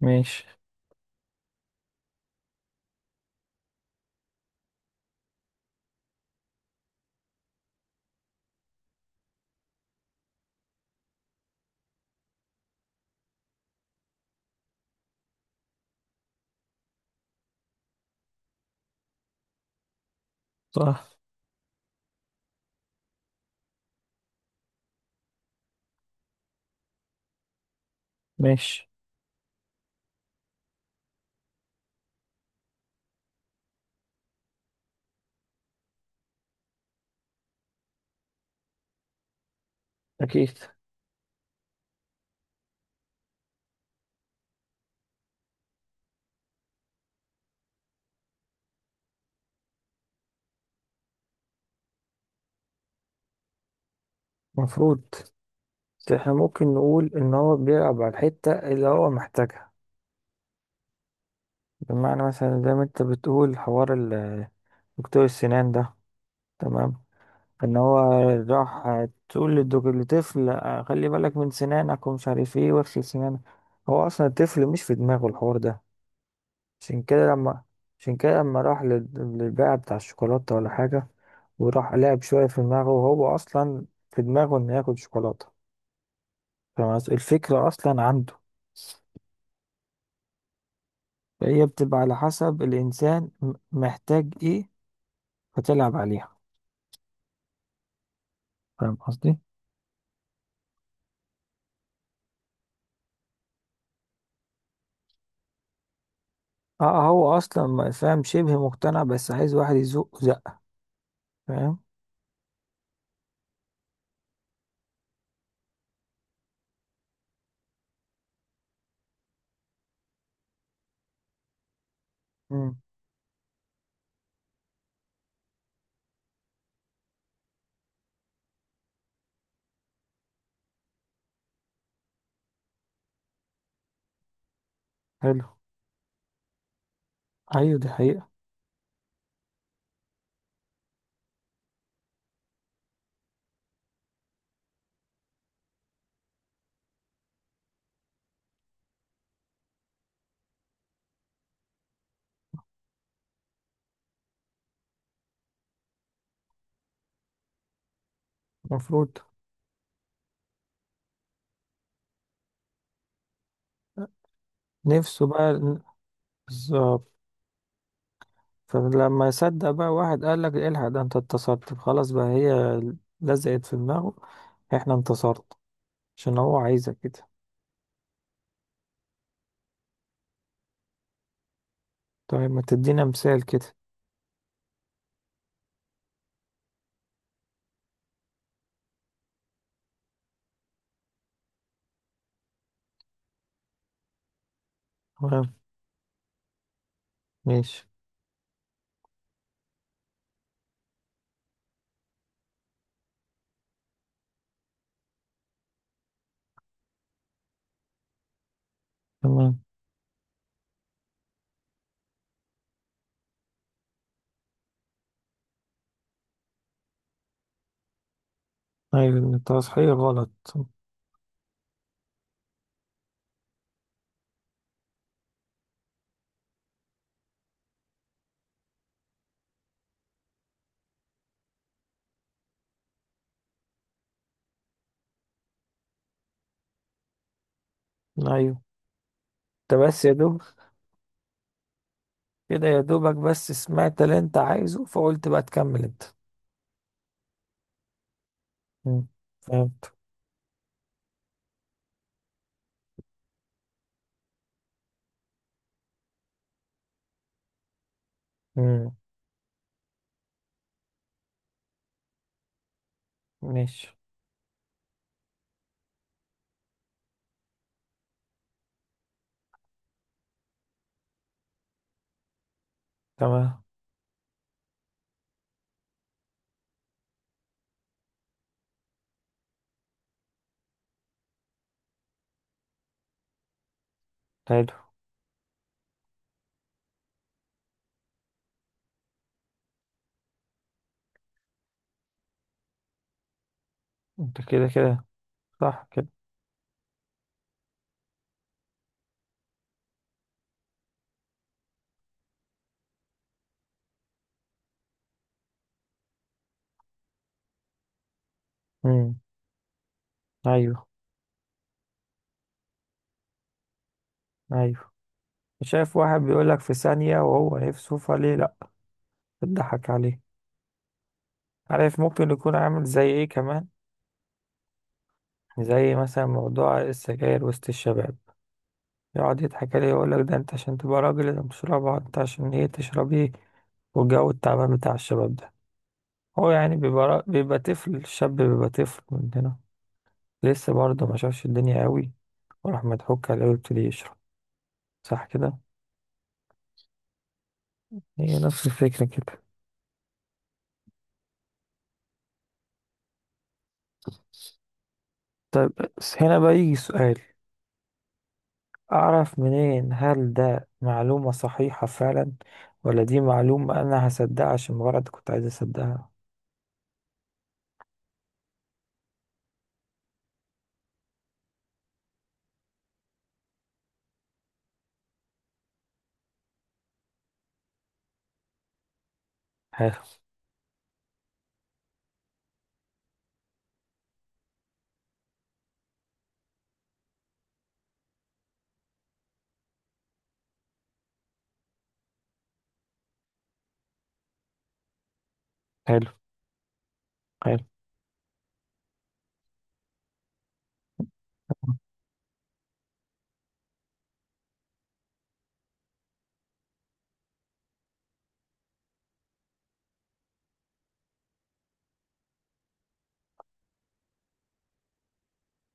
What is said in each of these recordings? ماشي. صح. ماشي. أكيد. مفروض. بس احنا ممكن نقول إن هو بيلعب على الحتة اللي هو محتاجها، بمعنى مثلا زي ما أنت بتقول حوار دكتور السنان ده، تمام، إن هو راح تقول للطفل، خلي بالك من سنانك ومش عارف إيه واغسل سنانك. هو أصلا الطفل مش في دماغه الحوار ده. عشان كده لما عشان كده لما راح للبائع بتاع الشوكولاتة ولا حاجة، وراح لعب شوية في دماغه وهو أصلا في دماغه إنه ياكل شوكولاتة. فاهم قصدي؟ الفكرة أصلا عنده، فهي بتبقى على حسب الإنسان محتاج إيه، فتلعب عليها. فاهم قصدي؟ اه، هو أصلا فاهم، شبه مقتنع بس عايز واحد يزقه زقة. فاهم؟ مم. حلو. أيوة دي حقيقة. المفروض. نفسه بقى بالظبط. فلما يصدق بقى، واحد قال لك الحق، ده انت انتصرت، خلاص بقى هي لزقت في دماغه، احنا انتصرت، عشان هو عايزك كده. طيب، ما تدينا مثال كده. تمام. ماشي. تمام. ايوه، إن تصحيح غلط. ايوه. انت بس يا دوب كده، يا دوبك بس سمعت اللي انت عايزه فقلت بقى تكمل انت. مم. فهمت. مم. ماشي. تمام. حلو. انت كده كده. صح كده. مم. ايوه. ايوه، شايف واحد بيقولك في ثانية وهو نفسه، فليه لأ؟ بتضحك عليه. عارف ممكن يكون عامل زي ايه كمان؟ زي مثلا موضوع السجاير وسط الشباب، يقعد يضحك عليه يقول لك ده انت عشان تبقى راجل لازم تشربها، انت عشان ايه تشرب ايه. والجو التعبان بتاع الشباب ده، هو يعني بيبقى طفل، الشاب بيبقى طفل مننا، لسه برضه ما شافش الدنيا قوي، وراح مضحوك عليه ويبتدي يشرب. صح كده. هي نفس الفكرة كده. طيب، بس هنا بقى يجي سؤال، أعرف منين هل ده معلومة صحيحة فعلا، ولا دي معلومة أنا هصدقها عشان مجرد كنت عايز أصدقها. حلو. حلو. حلو.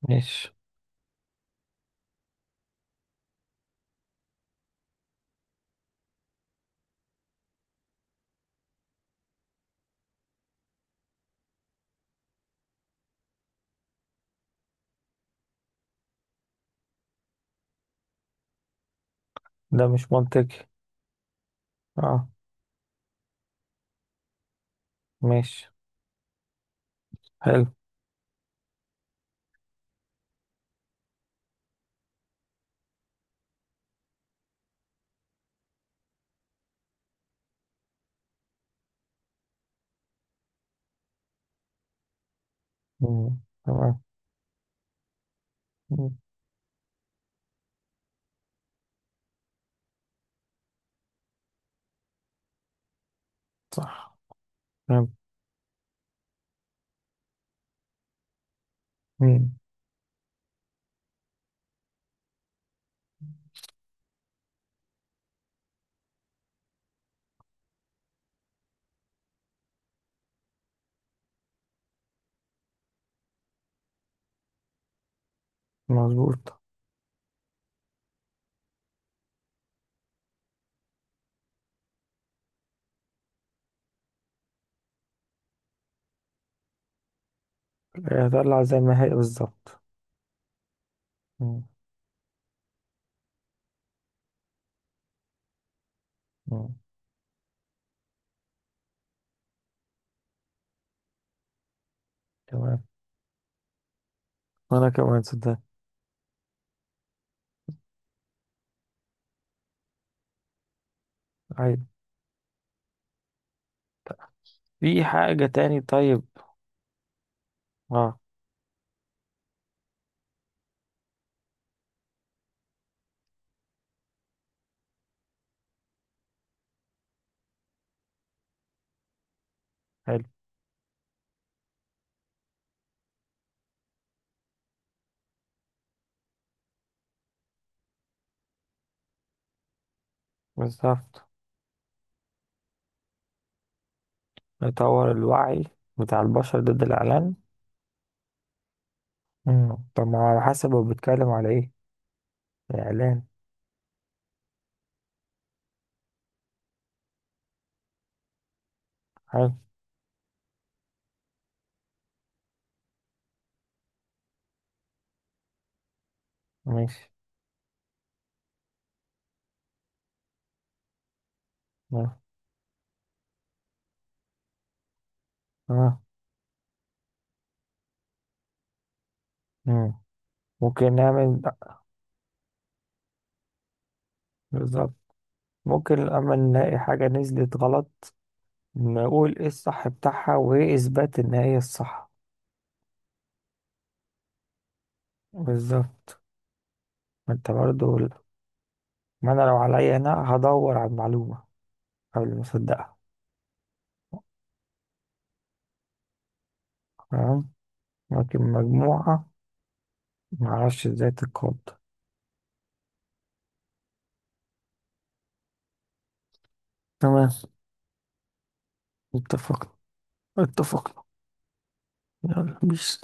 ماشي. ده مش منطقي. اه. ماشي. حلو. مم. تمام. مم. صح. تمام. مم. مظبوط. هطلع زي ما هي بالظبط. مم. مم. تمام، وانا كمان صدق. عيب. في حاجة تاني؟ طيب. اه. حلو. بالظبط، نطور الوعي بتاع البشر ضد الإعلان. مم. طب ما هو على حسب هو بيتكلم على ايه الإعلان. حلو. ماشي. اه. آه. مم. ممكن نعمل. بالظبط. ممكن أما نلاقي حاجة نزلت غلط، نقول ايه الصح بتاعها وايه اثبات ان هي الصح. بالظبط. ما انت برضو. ما انا لو عليا انا هدور على المعلومة قبل ما اصدقها. تمام. لكن مجموعة ما اعرفش ازاي تتقاد. تمام. اتفقنا. اتفقنا. يلا بيس.